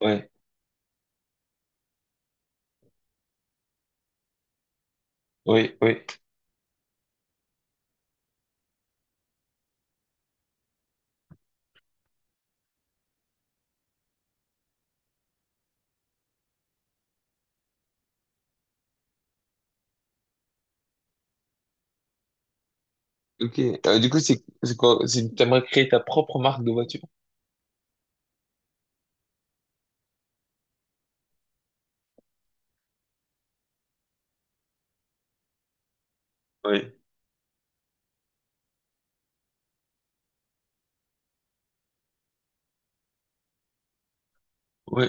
Ouais, oui, oui. Ok. Du coup, c'est quoi? C'est, t'aimerais créer ta propre marque de voiture? Oui, oui.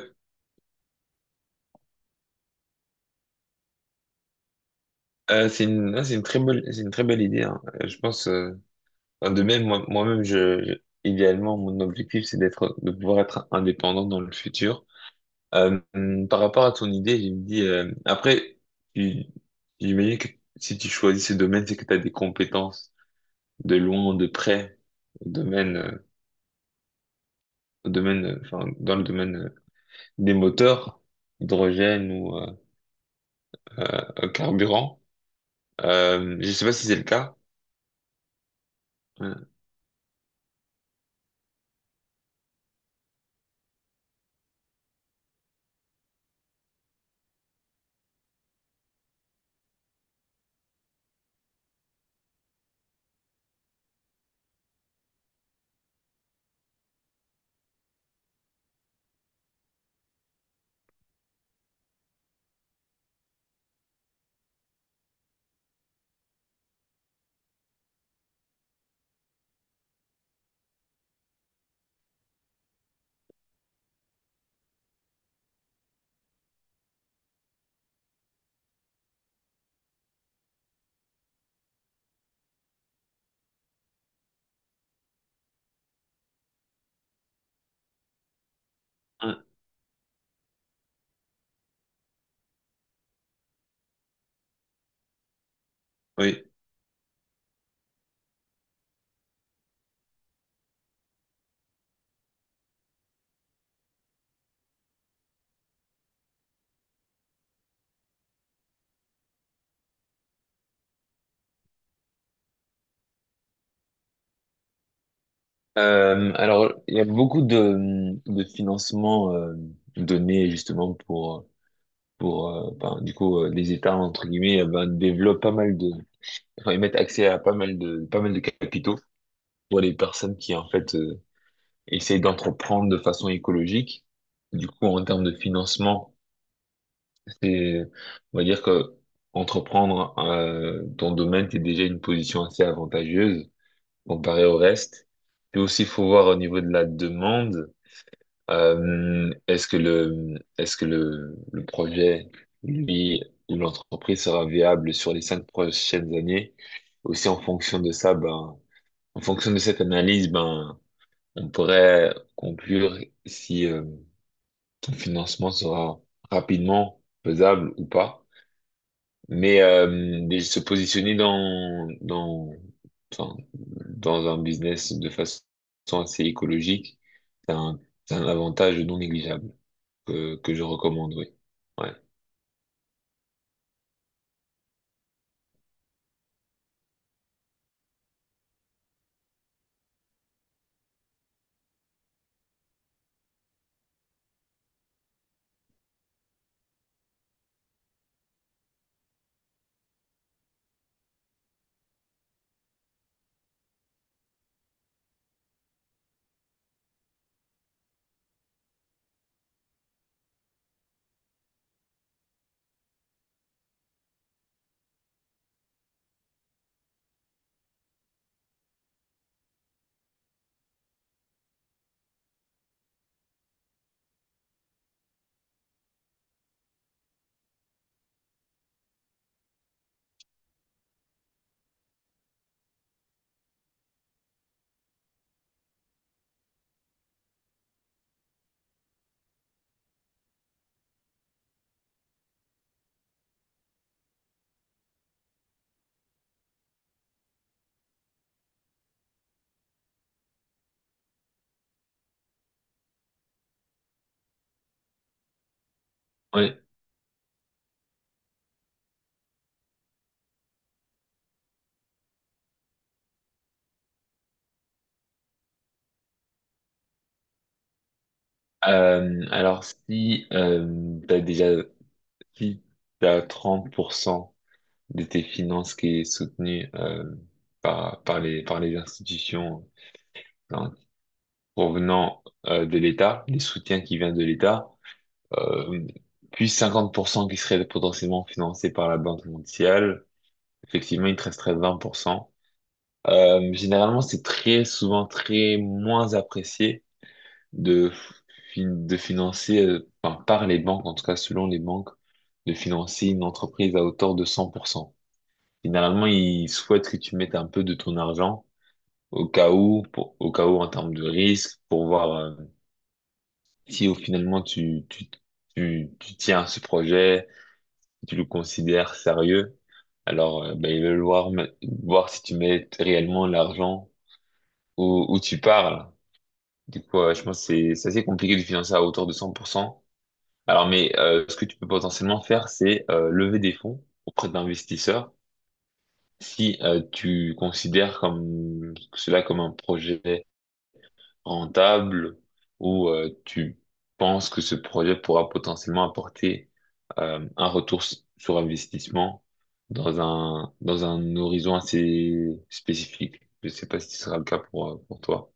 C'est une, non, c'est une très belle, c'est une très belle idée, hein. Je pense, enfin, de même, moi, moi-même, idéalement, mon objectif, c'est d'être, de pouvoir être indépendant dans le futur. Par rapport à ton idée, je me dis, après, tu- j'imagine que si tu choisis ce domaine, c'est que tu as des compétences de loin, de près, au domaine, euh, au domaine, enfin, dans le domaine des moteurs, hydrogène ou carburant. Je sais pas si c'est le cas. Euh, euh, oui. Alors, il y a beaucoup de financements donnés justement pour ben, du coup, les États, entre guillemets, ben, développent pas mal de. Enfin, ils mettent accès à pas mal pas mal de capitaux pour les personnes qui, en fait, essayent d'entreprendre de façon écologique. Du coup, en termes de financement, et on va dire que entreprendre ton domaine, t'es déjà une position assez avantageuse comparée au reste. Puis aussi, il faut voir au niveau de la demande, est-ce que le projet, lui, ou l'entreprise sera viable sur les cinq prochaines années? Aussi, en fonction de ça, ben, en fonction de cette analyse, ben, on pourrait conclure si ton financement sera rapidement faisable ou pas. Mais, euh, mais se positionner enfin, dans un business de façon assez écologique, c'est un, c'est un avantage non négligeable que je recommande, oui. Ouais. Ouais. Alors, si tu as déjà si t'as 30% de tes finances qui est soutenue par les institutions, hein, provenant de l'État, des soutiens qui viennent de l'État, euh, puis 50% qui seraient potentiellement financés par la Banque mondiale. Effectivement, il te resterait 20%. Généralement, c'est très souvent très moins apprécié de, de financer, enfin, par les banques, en tout cas selon les banques, de financer une entreprise à hauteur de 100%. Généralement, ils souhaitent que tu mettes un peu de ton argent au cas où, au cas où en termes de risque, pour voir si au finalement tu tiens à ce projet, si tu le considères sérieux, alors ben, il veut voir, voir si tu mets réellement l'argent où, où tu parles. Du coup, je pense que c'est assez compliqué de financer à hauteur de 100%. Alors, mais ce que tu peux potentiellement faire, c'est lever des fonds auprès d'investisseurs si tu considères comme cela comme un projet rentable où tu penses que ce projet pourra potentiellement apporter un retour sur investissement dans un horizon assez spécifique. Je sais pas si ce sera le cas pour toi.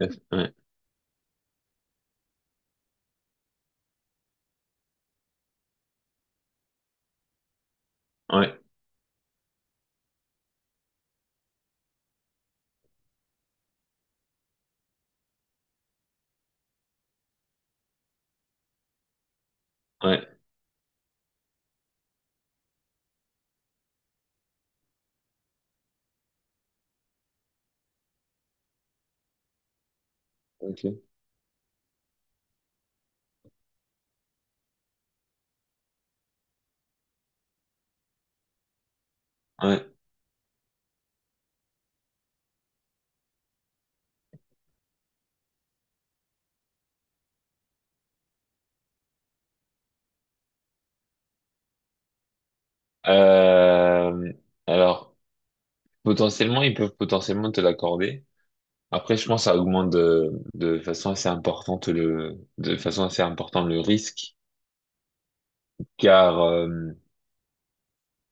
Ouais, ouais, ouais, ouais. Ok. Ouais. Euh, alors, potentiellement, ils peuvent potentiellement te l'accorder. Après, je pense que ça augmente de façon assez importante le risque, car,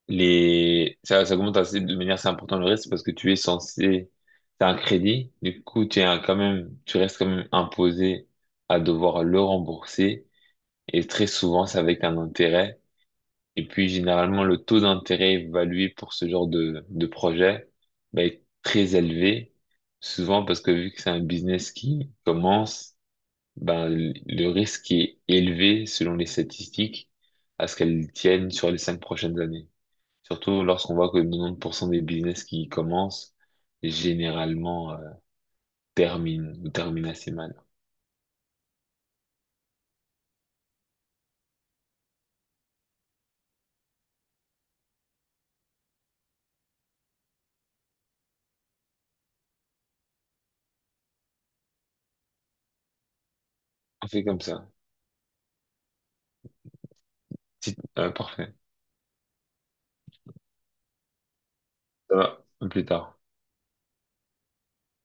ça, ça augmente de manière assez importante le reste parce que tu es censé, t'as un crédit, du coup, quand même, tu restes quand même imposé à devoir le rembourser et très souvent, c'est avec un intérêt. Et puis, généralement, le taux d'intérêt évalué pour ce genre de projet va être très élevé, souvent parce que vu que c'est un business qui commence, ben, le risque est élevé selon les statistiques à ce qu'elles tiennent sur les cinq prochaines années. Surtout lorsqu'on voit que 90% des business qui commencent, généralement, terminent ou terminent assez mal. On fait comme ça. Parfait. Ça va, à plus tard.